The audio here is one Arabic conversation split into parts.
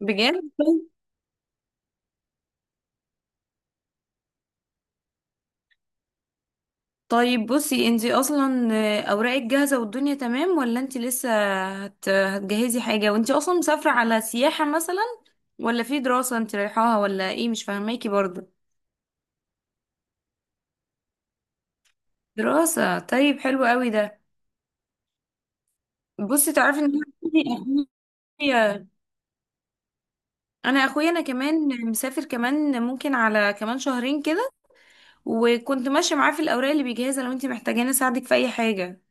بجد. طيب، بصي انتي اصلا اوراقك جاهزه والدنيا تمام ولا انتي لسه هتجهزي حاجه؟ وانتي اصلا مسافره على سياحه مثلا، ولا في دراسه انتي رايحاها، ولا ايه؟ مش فاهماكي برضه. دراسه؟ طيب، حلو قوي ده. بصي، تعرفي ان انا اخويا اخويا انا كمان مسافر كمان، ممكن على كمان شهرين كده. وكنت ماشيه معاه في الاوراق اللي بيجهزها، لو انتي محتاجاني اساعدك في اي حاجه.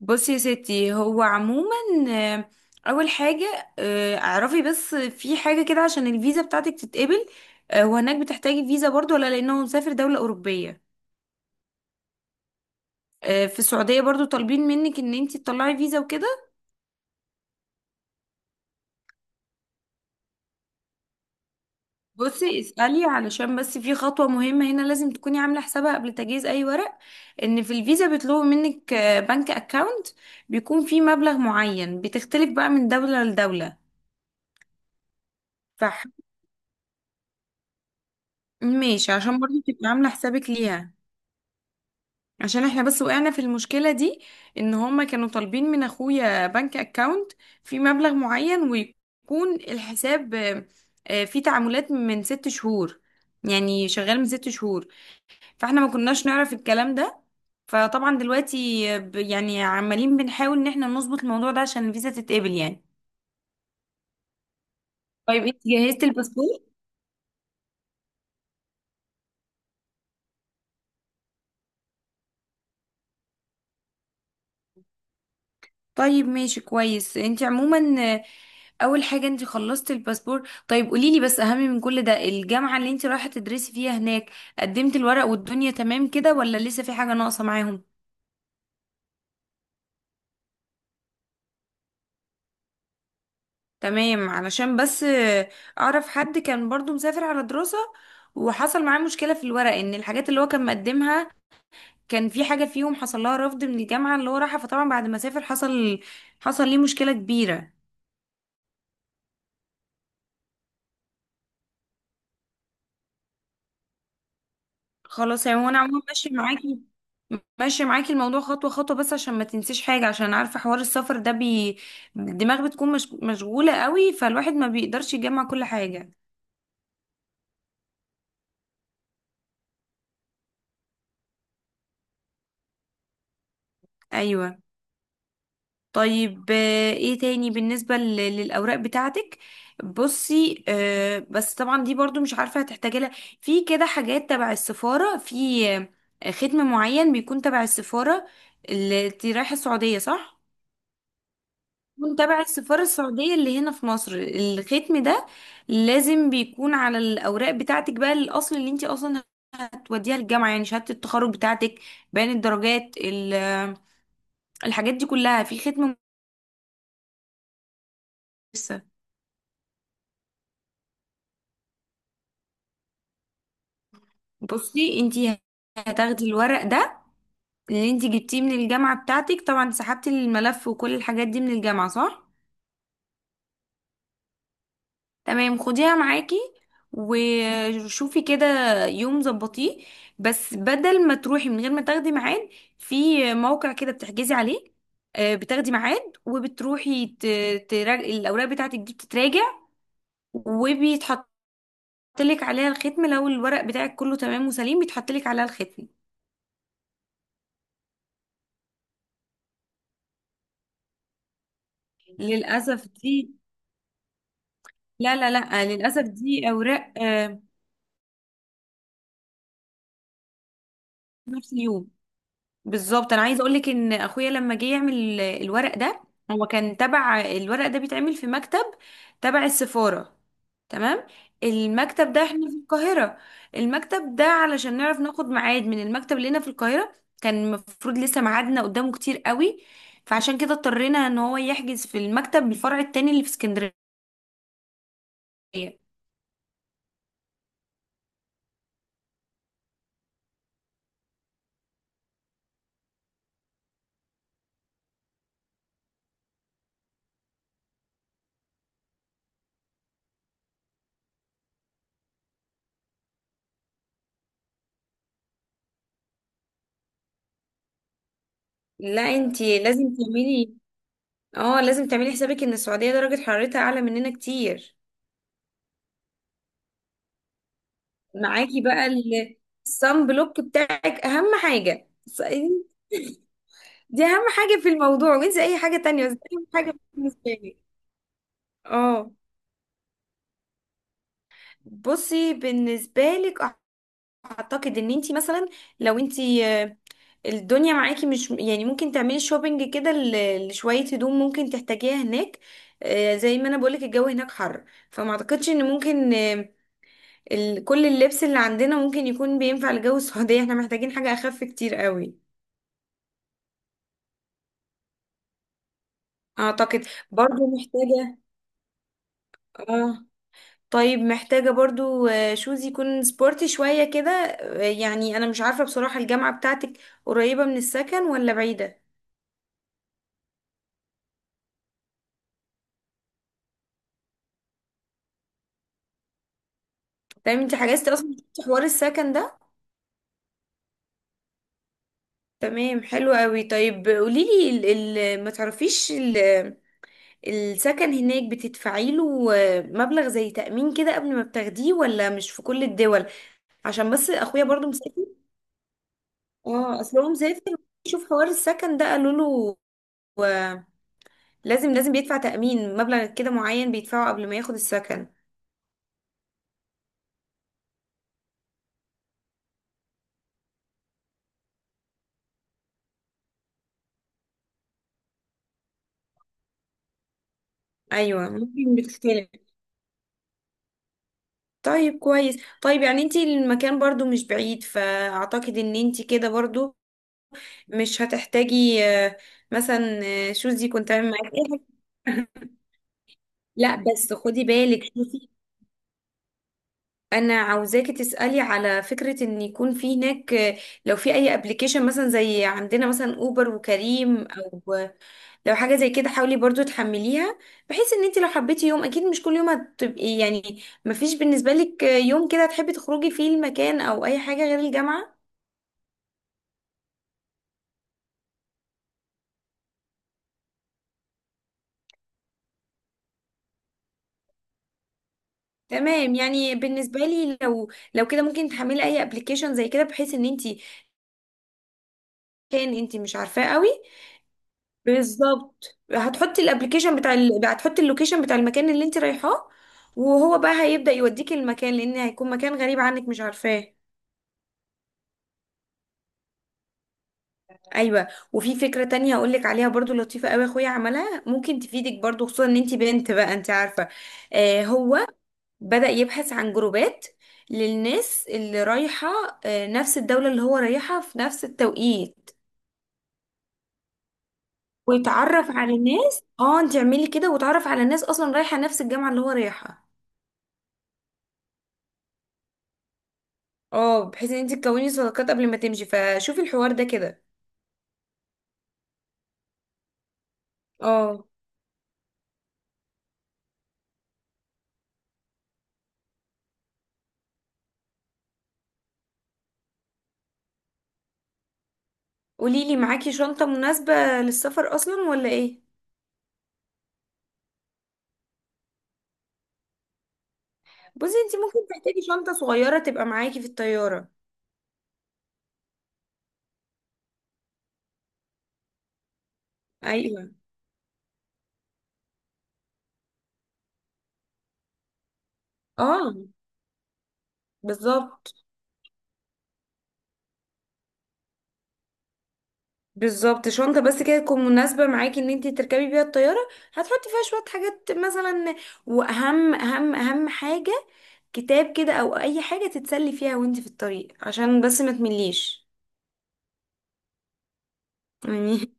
بصي يا ستي، هو عموما آه، اول حاجه اعرفي بس في حاجه كده عشان الفيزا بتاعتك تتقبل. وهناك بتحتاجي فيزا برضو، ولا لانه مسافر دوله اوروبيه؟ في السعوديه برضو طالبين منك ان انتي تطلعي فيزا وكده. بصي، اسالي، علشان بس في خطوه مهمه هنا لازم تكوني عامله حسابها قبل تجهيز اي ورق. ان في الفيزا بيطلبوا منك بنك اكاونت بيكون فيه مبلغ معين، بتختلف بقى من دوله لدوله. فح ماشي، عشان برضو تبقي عامله حسابك ليها. عشان احنا بس وقعنا في المشكلة دي، ان هما كانوا طالبين من اخويا بنك اكاونت في مبلغ معين ويكون الحساب فيه تعاملات من 6 شهور، يعني شغال من 6 شهور. فاحنا ما كناش نعرف الكلام ده، فطبعا دلوقتي يعني عمالين بنحاول ان احنا نظبط الموضوع ده عشان الفيزا تتقبل يعني. طيب، انت جهزت الباسبور؟ طيب ماشي، كويس. انت عموما آه، اول حاجة انت خلصت الباسبور. طيب قوليلي بس، اهم من كل ده، الجامعة اللي انت رايحة تدرسي فيها هناك قدمت الورق والدنيا تمام كده، ولا لسه في حاجة ناقصة معاهم؟ تمام، علشان بس اعرف حد كان برضو مسافر على دراسة، وحصل معاه مشكلة في الورق، ان الحاجات اللي هو كان مقدمها كان في حاجة فيهم حصل لها رفض من الجامعة اللي هو راحها، فطبعا بعد ما سافر حصل ليه مشكلة كبيرة. خلاص يعني، وانا عموما ماشي معاكي الموضوع خطوة خطوة، بس عشان ما تنسيش حاجة، عشان عارفة حوار السفر ده الدماغ بتكون مش... مشغولة قوي، فالواحد ما بيقدرش يجمع كل حاجة. ايوه. طيب ايه تاني بالنسبة للأوراق بتاعتك؟ بصي بس طبعا دي برضو مش عارفة هتحتاجي لها، في كده حاجات تبع السفارة، في ختم معين بيكون تبع السفارة. اللي انتي رايحة السعودية، صح؟ يكون تبع السفارة السعودية اللي هنا في مصر، الختم ده لازم بيكون على الأوراق بتاعتك بقى، الأصل اللي انت أصلا هتوديها للجامعة، يعني شهادة التخرج بتاعتك، بيان الدرجات، الحاجات دي كلها في ختم. لسه بصي، انت هتاخدي الورق ده اللي انت جبتيه من الجامعة بتاعتك، طبعا سحبتي الملف وكل الحاجات دي من الجامعة، صح؟ تمام، خديها معاكي وشوفي كده يوم ظبطيه، بس بدل ما تروحي من غير ما تاخدي ميعاد. في موقع كده بتحجزي عليه، بتاخدي ميعاد وبتروحي، الاوراق بتاعتك دي بتتراجع، وبيتحط لك عليها الختم. لو الورق بتاعك كله تمام وسليم، بيتحط لك عليها الختم. للاسف دي. لا، لا، لا، للاسف دي اوراق نفس اليوم. بالظبط، انا عايزه اقول لك ان اخويا لما جه يعمل الورق ده، هو كان تبع الورق ده بيتعمل في مكتب تبع السفاره، تمام. المكتب ده، احنا في القاهره، المكتب ده علشان نعرف ناخد ميعاد من المكتب اللي هنا في القاهره، كان المفروض لسه ميعادنا قدامه كتير قوي، فعشان كده اضطرينا ان هو يحجز في المكتب الفرع التاني اللي في اسكندريه. لا، انتي لازم تعملي حسابك ان السعوديه درجه حرارتها اعلى مننا كتير. معاكي بقى الصن بلوك بتاعك، اهم حاجه. دي اهم حاجه في الموضوع، وانسي اي حاجه تانية، بس دي اهم حاجه بالنسبه لي. اه، بصي بالنسبه لك، اعتقد ان انتي مثلا لو انتي الدنيا معاكي، مش يعني، ممكن تعملي شوبينج كده لشويه هدوم ممكن تحتاجيها هناك، زي ما انا بقولك الجو هناك حر، فما اعتقدش ان ممكن كل اللبس اللي عندنا ممكن يكون بينفع لجو السعوديه، احنا محتاجين حاجه اخف كتير قوي. اعتقد برضو محتاجة، اه طيب محتاجة برضو شوز يكون سبورتي شوية كده، يعني انا مش عارفة بصراحة الجامعة بتاعتك قريبة من السكن ولا بعيدة؟ تمام، انت حجزتي اصلا، شفتي حوار السكن ده؟ تمام، حلو قوي. طيب قوليلي، ال ال ما تعرفيش، السكن هناك بتدفعي له مبلغ زي تأمين كده قبل ما بتاخديه، ولا مش في كل الدول؟ عشان بس اخويا برضو مسافر. اه، اصل هو مسافر، شوف حوار السكن ده قالوا له آه، لازم بيدفع تأمين، مبلغ كده معين بيدفعه قبل ما ياخد السكن. ايوه، ممكن بتختلف. طيب كويس، طيب يعني انتي المكان برضو مش بعيد، فاعتقد ان انتي كده برضو مش هتحتاجي مثلا، شوزي كنت عامل معاكي ايه، لا بس خدي بالك، شوفي، انا عاوزاكي تسالي على فكره ان يكون في هناك لو في اي ابلكيشن مثلا زي عندنا مثلا اوبر وكريم، او لو حاجه زي كده حاولي برضو تحمليها، بحيث ان انت لو حبيتي يوم، اكيد مش كل يوم هتبقي، يعني مفيش بالنسبه لك يوم كده تحبي تخرجي فيه المكان، او اي حاجه غير الجامعه. تمام، يعني بالنسبه لي لو كده، ممكن تحملي اي ابلكيشن زي كده بحيث ان انت، كان انت مش عارفاه قوي. بالظبط، هتحطي الابلكيشن بتاع ال... هتحطي اللوكيشن بتاع المكان اللي انت رايحاه، وهو بقى هيبدأ يوديكي المكان، لان هيكون مكان غريب عنك مش عارفاه. ايوه، وفي فكرة تانية هقول لك عليها برضو لطيفة قوي، اخويا عملها، ممكن تفيدك برضو، خصوصا ان انت بنت بقى، انت عارفة. هو بدأ يبحث عن جروبات للناس اللي رايحة نفس الدولة اللي هو رايحها في نفس التوقيت، ويتعرف على الناس. اه انت اعملي كده، وتعرف على الناس اصلا رايحة نفس الجامعة اللي هو رايحها، اه، بحيث ان انت تكوني صداقات قبل ما تمشي، فشوفي الحوار ده كده. اه، قوليلي، معاكي شنطة مناسبة للسفر اصلا، ولا ايه؟ بصي، انت ممكن تحتاجي شنطة صغيرة تبقى معاكي في الطيارة. ايوه. اه. بالظبط بالظبط شنطة بس كده تكون مناسبة معاكي ان انت تركبي بيها الطيارة، هتحطي فيها شوية حاجات مثلا، واهم اهم اهم حاجة كتاب كده، او اي حاجة تتسلي فيها وانت في الطريق، عشان بس ما تمليش. يعني.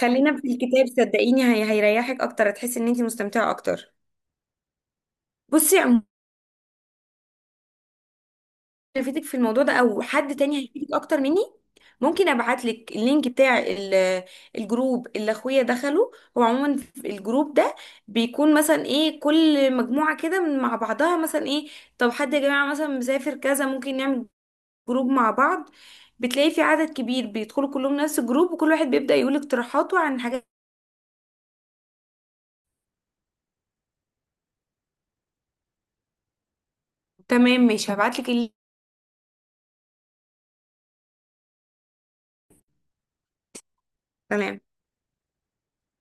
خلينا في الكتاب، صدقيني هي هيريحك اكتر، هتحسي ان انت مستمتعه اكتر. بصي عموما، فيتك في الموضوع ده، او حد تاني هيفيدك اكتر مني. ممكن ابعت لك اللينك بتاع الجروب اللي اخويا دخله. هو عموما في الجروب ده بيكون مثلا ايه كل مجموعه كده، مع بعضها، مثلا ايه طب حد يا جماعه مثلا مسافر كذا، ممكن نعمل جروب مع بعض. بتلاقي في عدد كبير بيدخلوا كلهم نفس الجروب، وكل واحد بيبدأ يقول اقتراحاته عن حاجات. تمام، مش هبعت لك اللينك. تمام.